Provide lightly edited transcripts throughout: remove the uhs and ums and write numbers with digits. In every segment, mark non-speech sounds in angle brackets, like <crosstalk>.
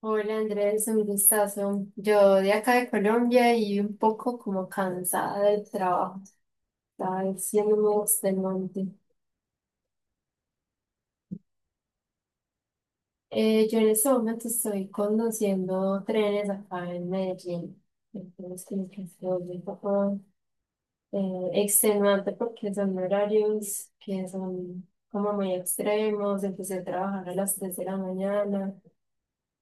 Hola Andrés, un gustazo. Yo de acá de Colombia y un poco como cansada del trabajo, está siendo muy extenuante. Yo en este momento estoy conduciendo trenes acá en Medellín, entonces como que se vuelve un poco extenuante porque son horarios que son como muy extremos, empecé a trabajar a las 3 de la mañana,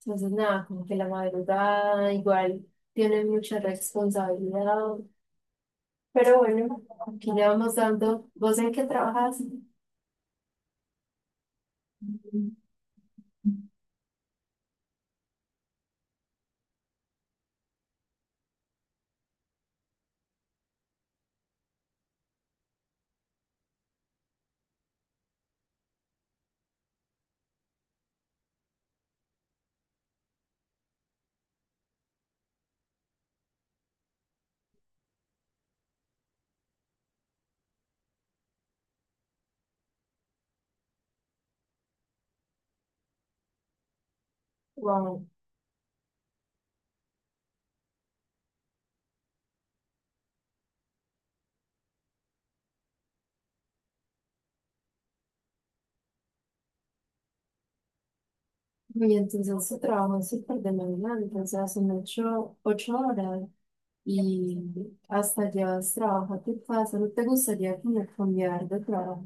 entonces nada, como que la madrugada igual tiene mucha responsabilidad. Pero bueno, aquí le vamos dando. ¿Vos en qué trabajas? Wow. Y entonces su trabajo es súper demandante, o sea, son ocho horas y hasta llevas trabajo a tu casa. ¿No te gustaría como cambiar de trabajo?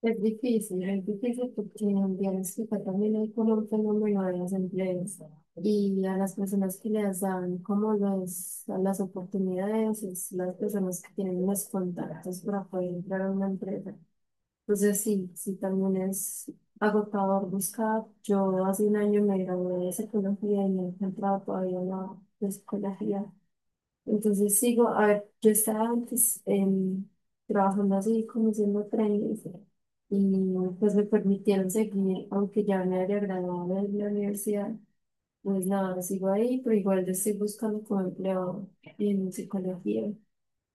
Es difícil porque en Bielorrusia también hay como un fenómeno de las empresas y a las personas que les dan como los, las oportunidades es las personas que tienen los contactos para poder entrar a una empresa. Entonces sí, sí, también es agotador buscar. Yo hace un año me gradué de psicología y no he encontrado todavía nada de psicología. Entonces sigo, a ver, yo estaba antes trabajando así, como siendo trainee, y pues me permitieron seguir, aunque ya me había graduado de la universidad. Pues nada, sigo ahí, pero igual yo estoy buscando como empleo en psicología.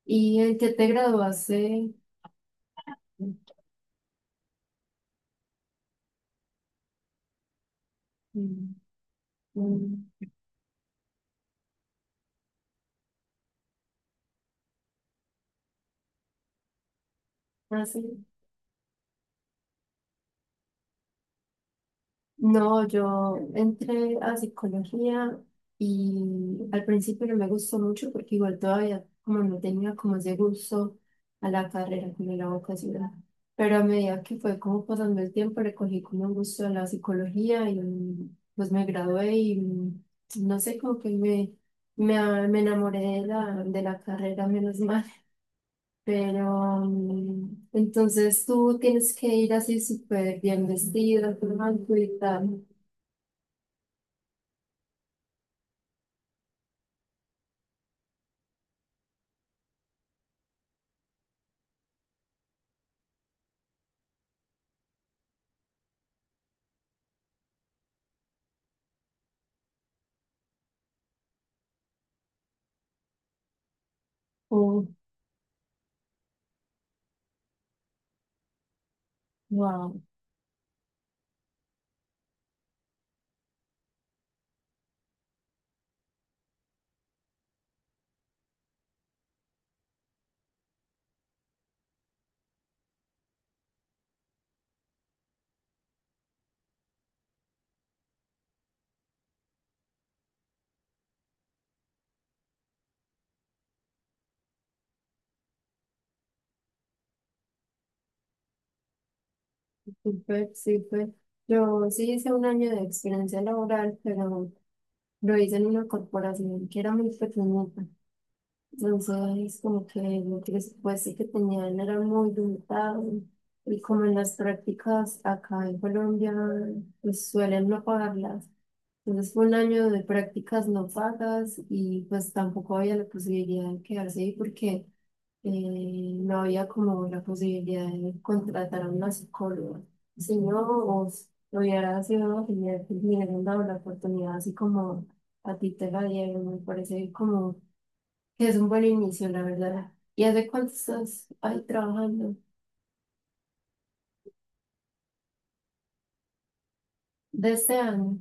¿Y en qué te graduaste? Mm, mm, ¿hace? No, yo entré a psicología y al principio no me gustó mucho porque igual todavía como no tenía como ese gusto a la carrera, como a la vocación. Pero a medida que fue como pasando el tiempo, le cogí como un gusto a la psicología y pues me gradué y no sé, como que me enamoré de la carrera, menos mal. Pero entonces tú tienes que ir así súper bien vestida, con algo y tal. Oh, wow, súper, súper. Yo sí hice un año de experiencia laboral, pero lo hice en una corporación que era muy pequeñita. Entonces, como que el presupuesto que tenían era muy limitado. Y como en las prácticas acá en Colombia, pues suelen no pagarlas. Entonces, fue un año de prácticas no pagas y pues tampoco había la posibilidad de quedarse ahí porque no había como la posibilidad de contratar a una psicóloga. Si no, vos lo hubiera sido genial que me hubieran dado la oportunidad, así como a ti te la dieron. Me parece como que es un buen inicio, la verdad. ¿Y hace cuánto estás ahí trabajando? De este año.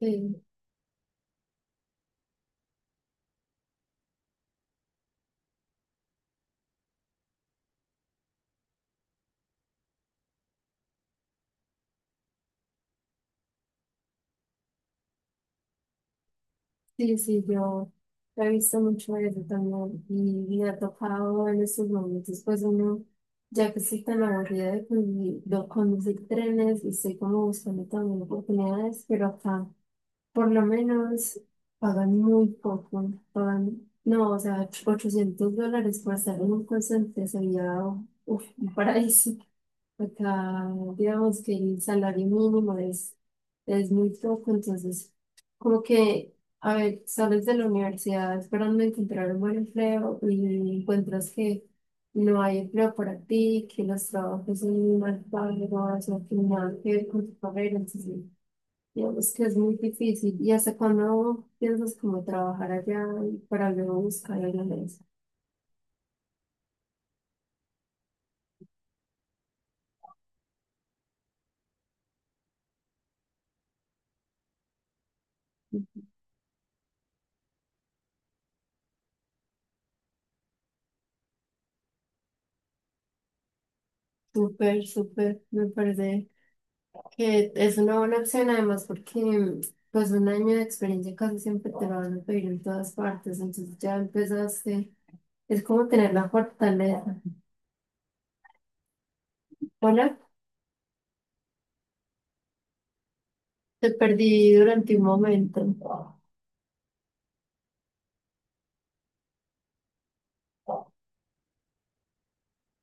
Sí. Sí, sí, yo he visto mucho eso también y ha tocado en esos momentos, pues uno, ya que estoy tan aburrida de condu- de conducir trenes y estoy como buscando también oportunidades, pero acá. Por lo menos pagan muy poco, pagan, no, o sea, $800 por estar en un call center sería uf, un paraíso. Acá, digamos que el salario mínimo es muy poco, entonces, como que, a ver, sales de la universidad esperando encontrar un buen empleo y encuentras que no hay empleo para ti, que los trabajos son muy mal pagos o que nada que ver con tu carrera, entonces. Digamos que es muy difícil. ¿Y hasta cuándo piensas como trabajar allá y para luego buscar en la mesa? Súper, súper. Me parece que es una buena opción además porque pues un año de experiencia casi siempre te lo van a pedir en todas partes. Entonces ya empezaste. Es como tener la fortaleza. Hola, te perdí durante un momento.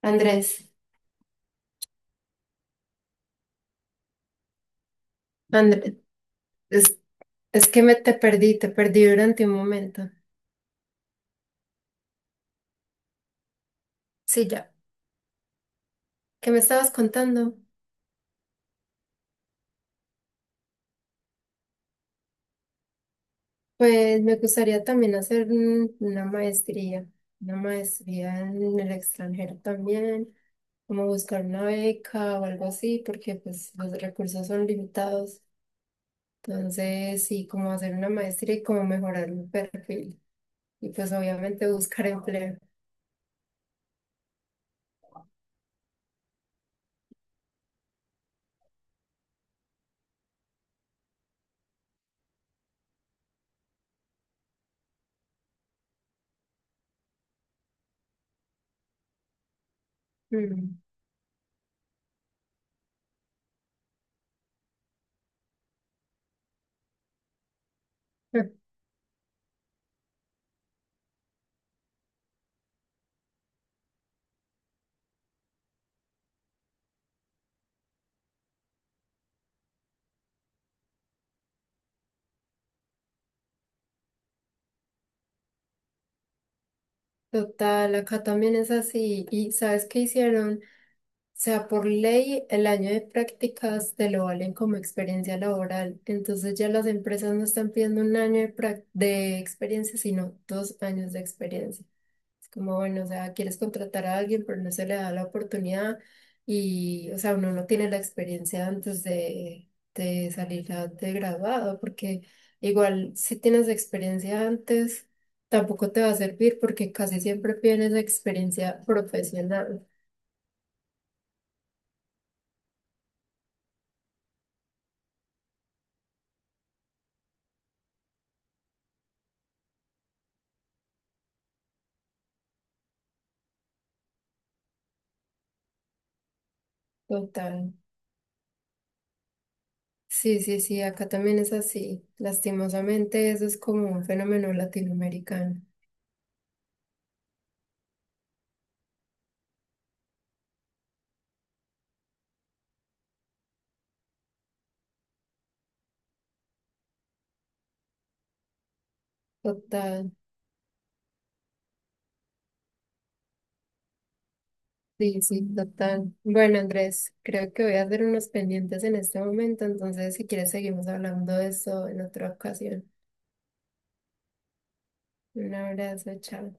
Andrés, Andrés, es, es que me te perdí durante un momento. Sí, ya. ¿Qué me estabas contando? Pues me gustaría también hacer un- una maestría en el extranjero también, como buscar una beca o algo así, porque pues los recursos son limitados. Entonces, sí, como hacer una maestría y como mejorar mi perfil. Y pues obviamente buscar empleo. Mm. <laughs> Total, acá también es así. ¿Y sabes qué hicieron? O sea, por ley, el año de prácticas te lo valen como experiencia laboral. Entonces ya las empresas no están pidiendo un año de, prac- de experiencia, sino 2 años de experiencia. Es como, bueno, o sea, quieres contratar a alguien, pero no se le da la oportunidad y, o sea, uno no tiene la experiencia antes de salir a- de graduado, porque igual si tienes experiencia antes, tampoco te va a servir porque casi siempre tienes experiencia profesional. Total. Sí, sí, sí, acá también es así. Lastimosamente, eso es como un fenómeno latinoamericano. Total. Sí, sí, total. Bueno, Andrés, creo que voy a hacer unos pendientes en este momento, entonces si quieres seguimos hablando de eso en otra ocasión. Un abrazo, chao.